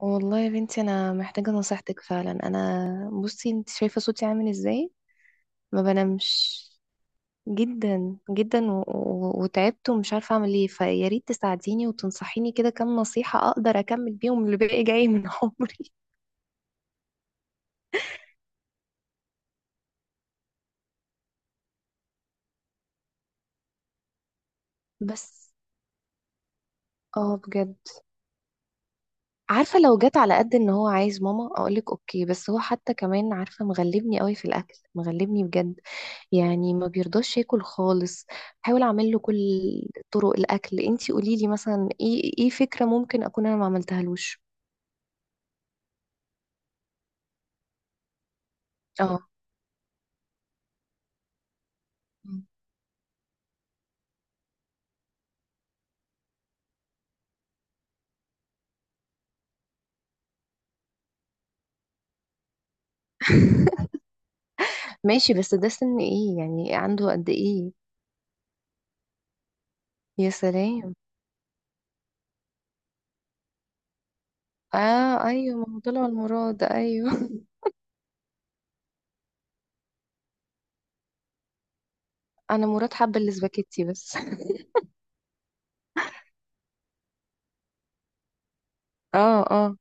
والله يا بنتي، انا محتاجه نصيحتك فعلا. انا بصي، انت شايفه صوتي عامل ازاي؟ ما بنامش جدا جدا و... و... وتعبت ومش عارفه اعمل ايه. فيا ريت تساعديني وتنصحيني كده كام نصيحه اقدر اكمل بيهم اللي باقي جاي من عمري. بس اه، بجد. عارفه، لو جت على قد ان هو عايز ماما اقولك اوكي، بس هو حتى كمان عارفه مغلبني قوي في الاكل، مغلبني بجد. يعني ما بيرضاش ياكل خالص. حاول اعمل له كل طرق الاكل. انتي قولي لي مثلا، ايه فكره ممكن اكون انا ما عملتهالوش. اه ماشي. بس ده سن ايه؟ يعني عنده قد ايه؟ يا سلام. اه ايوه، ما هو طلع المراد. ايوه انا مراد حب الاسباجيتي بس اه اه.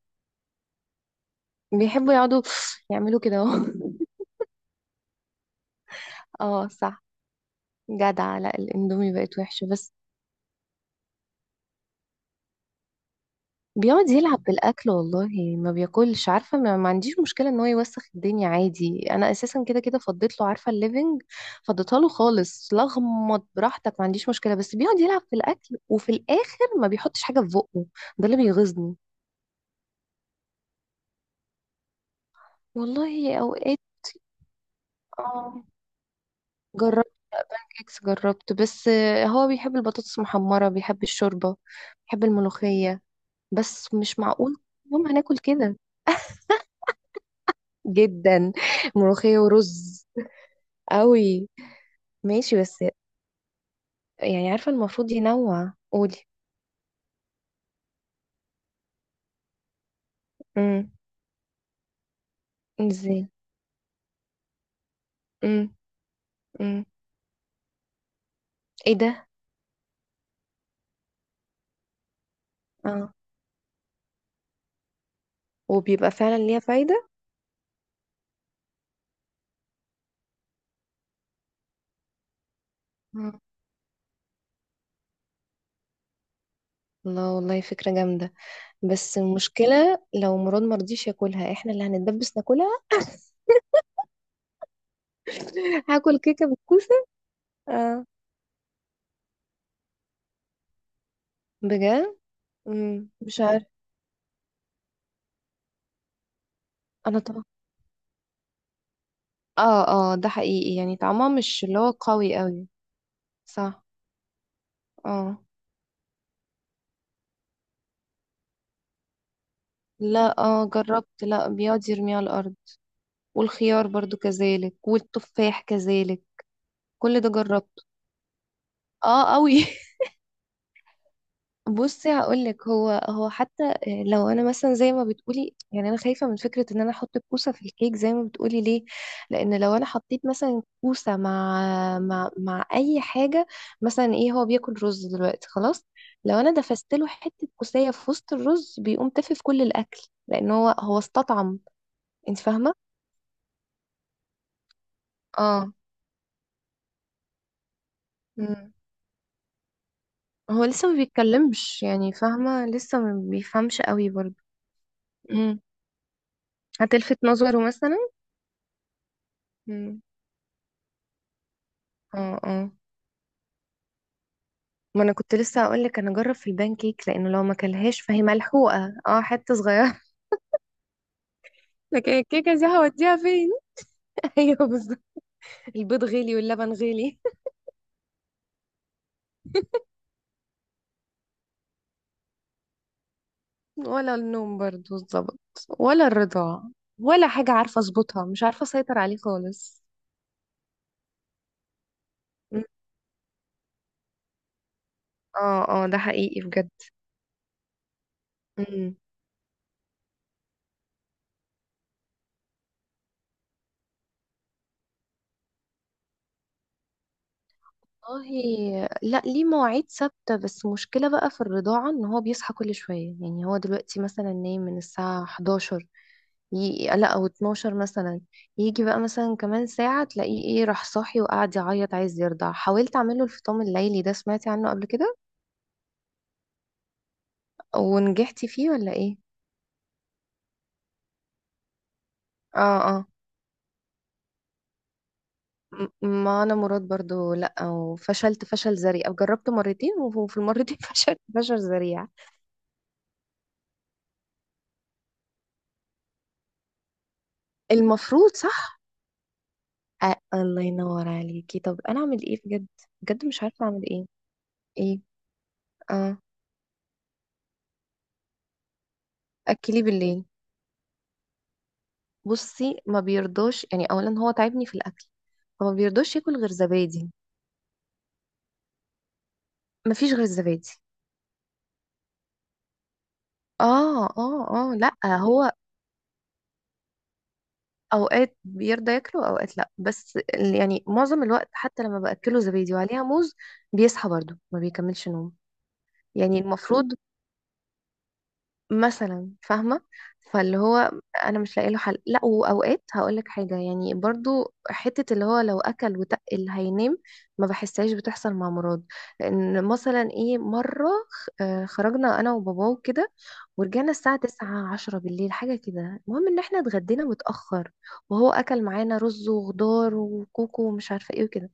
بيحبوا يقعدوا يعملوا كده اهو اه صح. جدع. لا الاندومي بقت وحشه بس. بيقعد يلعب بالأكل والله. ما بياكلش. عارفة، ما عنديش مشكلة ان هو يوسخ الدنيا عادي. انا اساسا كده كده فضيت له، عارفة، الليفينج. فضيتها له خالص، لغمط براحتك، ما عنديش مشكلة. بس بيقعد يلعب في الأكل وفي الآخر ما بيحطش حاجة في بقه. ده اللي بيغيظني. والله اوقات. اه جربت. بانكيكس جربت. بس هو بيحب البطاطس المحمرة، بيحب الشوربة، بيحب الملوخية. بس مش معقول يوم هناكل كده جدا. ملوخية ورز. قوي. ماشي بس. يعني عارفة المفروض ينوع. قولي. امم. ازاي؟ امم. امم. ايه ده؟ اه. وبيبقى فعلا ليها فايدة؟ آه. الله والله فكرة جامدة. بس المشكلة لو مراد مرضيش ياكلها، احنا اللي هنتدبس ناكلها هاكل كيكة بالكوسة. اه. بجد. مش عارف. انا طبعا. اه اه، ده حقيقي، يعني طعمها مش اللي هو قوي قوي. صح. اه لا اه جربت، لا بيقعد يرميها على الارض. والخيار برضو كذلك والتفاح كذلك. كل ده جربته. اه قوي بصي هقولك، هو حتى لو انا مثلا زي ما بتقولي، يعني انا خايفه من فكره ان انا احط الكوسه في الكيك زي ما بتقولي. ليه؟ لان لو انا حطيت مثلا كوسه مع اي حاجه، مثلا ايه، هو بياكل رز دلوقتي خلاص، لو انا دفست له حته كوسيه في وسط الرز بيقوم تافه في كل الاكل، لان هو استطعم. انت فاهمه. اه. مم. هو لسه ما بيتكلمش، يعني فاهمه لسه ما بيفهمش قوي برضه. هتلفت نظره مثلا. مم. اه اه، ما انا كنت لسه هقول لك انا اجرب في البان كيك، لانه لو ما كلهاش فهي ملحوقه، حته صغيره لكن الكيكه دي هوديها فين؟ ايوه بالظبط. البيض غلي واللبن غلي ولا النوم برضو اتظبط، ولا الرضاعه، ولا حاجه عارفه اظبطها. مش عارفه اسيطر عليه خالص. م. اه اه ده حقيقي بجد. مم. والله لا، ليه مواعيد ثابتة. بس مشكلة بقى في الرضاعة ان هو بيصحى كل شوية. يعني هو دلوقتي مثلا نايم من الساعة 11، لا او 12 مثلا، يجي بقى مثلا كمان ساعة تلاقيه ايه، راح صاحي وقاعد يعيط عايز يرضع. حاولت اعمله الفطام الليلي ده، سمعتي عنه قبل كده؟ ونجحتي فيه ولا ايه؟ اه اه. ما انا مراد برضو لا، وفشلت فشل ذريع. جربت مرتين وفي المرتين فشلت فشل ذريع. المفروض صح. الله ينور عليكي. طب انا اعمل ايه بجد؟ بجد مش عارفه اعمل ايه. ايه؟ اه. اكلي بالليل. بصي ما بيرضاش، يعني اولا هو تعبني في الاكل، فما بيرضاش ياكل غير زبادي. ما فيش غير زبادي. اه اه اه. لا هو اوقات بيرضى ياكله اوقات لا، بس يعني معظم الوقت حتى لما باكله زبادي وعليها موز، بيصحى برضه ما بيكملش نوم. يعني المفروض مثلا، فاهمة. فاللي هو، انا مش لاقي له حل. لا، واوقات هقول لك حاجة، يعني برضو حتة اللي هو لو اكل وتقل اللي هينام، ما بحسهاش بتحصل مع مراد. لان مثلا ايه، مرة خرجنا انا وباباه وكده، ورجعنا الساعة 9 بالليل حاجة كده. المهم ان احنا اتغدينا متأخر، وهو اكل معانا رز وخضار وكوكو ومش عارفة ايه وكده.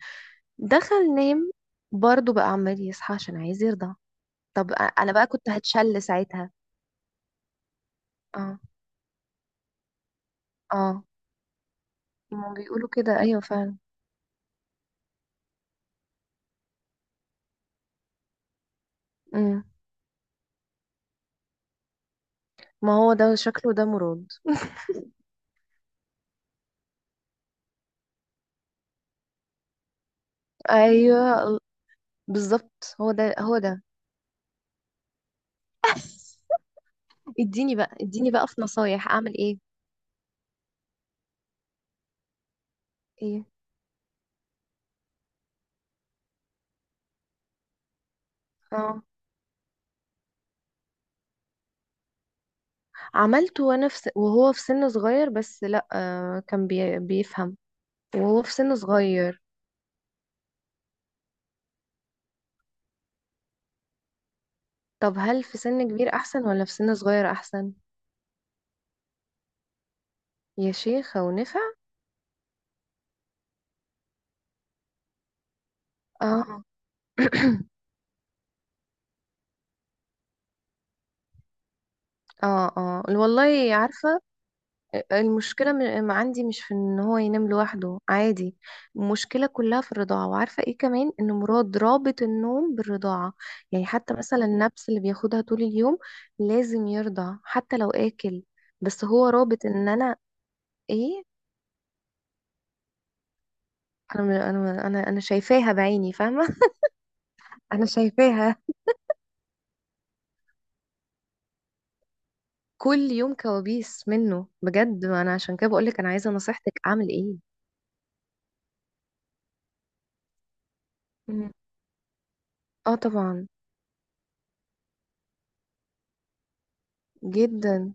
دخل نام، برضو بقى عمال يصحى عشان عايز يرضع. طب انا بقى كنت هتشل ساعتها. اه اه. ما بيقولوا كده، ايوه فعلا. امم. ما هو ده شكله ده مراد. ايوه بالظبط، هو ده هو ده. اديني بقى اديني بقى في نصايح، اعمل ايه؟ ايه؟ اه عملته وانا وهو في سن صغير، بس لا كان بيفهم. وهو في سن صغير. طب هل في سن كبير احسن ولا في سن صغير احسن؟ يا شيخة، ونفع؟ اه. اه اه، والله عارفة. المشكلة عندي مش في ان هو ينام لوحده، عادي. المشكلة كلها في الرضاعة. وعارفة ايه كمان، ان مراد رابط النوم بالرضاعة. يعني حتى مثلا النبس اللي بياخدها طول اليوم، لازم يرضع حتى لو اكل. بس هو رابط ان انا ايه. انا انا شايفاها بعيني، فاهمة انا شايفاها. كل يوم كوابيس منه بجد. ما انا عشان كده بقولك انا عايزة نصيحتك، اعمل ايه؟ مم. اه طبعا. جدا.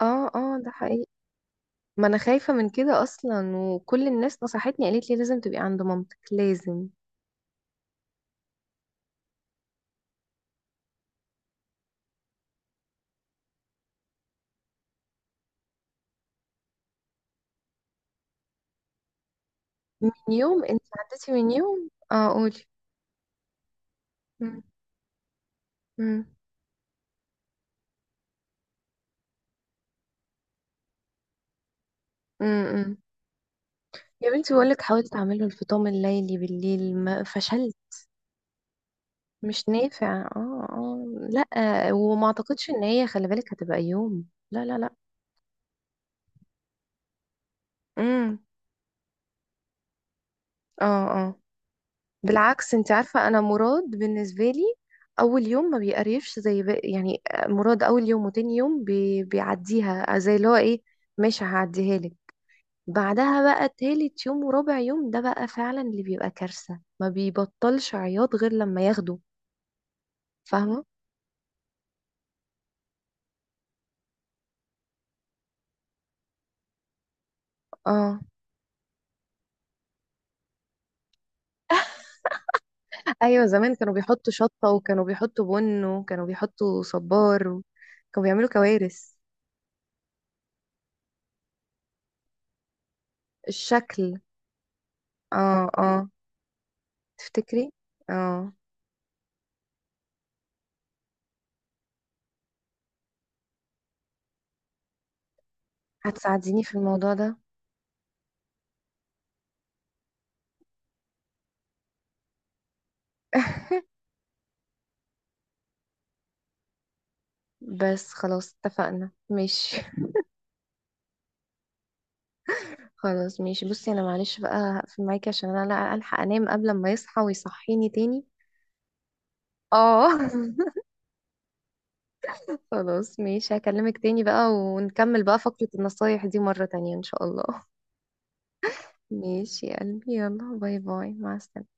اه اه ده حقيقي. ما انا خايفة من كده اصلا. وكل الناس نصحتني قالت لي لازم تبقي عند مامتك، لازم. من يوم انت عدتي، من يوم قولي. مم. مم. مم. مم. يا بنتي بقولك حاولت اعمله الفطام الليلي بالليل، ما فشلت. مش نافع، اه. اه لا، وما اعتقدش ان هي، خلي بالك هتبقى يوم، لا لا لا. امم. اه آه. بالعكس، انت عارفة انا مراد بالنسبة لي اول يوم ما بيقريفش زي بقى، يعني. مراد اول يوم وتاني يوم بيعديها زي اللي هو ايه، ماشي هعديها لك. بعدها بقى تالت يوم ورابع يوم، ده بقى فعلا اللي بيبقى كارثة، ما بيبطلش عياط غير لما ياخده. فاهمة؟ اه ايوه، زمان كانوا بيحطوا شطة، وكانوا بيحطوا بن، وكانوا بيحطوا صبار كانوا بيعملوا كوارث. الشكل. اه اه. تفتكري؟ اه. هتساعديني في الموضوع ده؟ بس خلاص، اتفقنا، ماشي. خلاص ماشي. بصي انا معلش بقى هقفل معاكي عشان انا لا الحق انام قبل ما يصحى ويصحيني تاني. اه خلاص ماشي، هكلمك تاني بقى، ونكمل بقى فقرة النصايح دي مرة تانية ان شاء الله ماشي يا قلبي، يلا، باي باي، مع السلامة.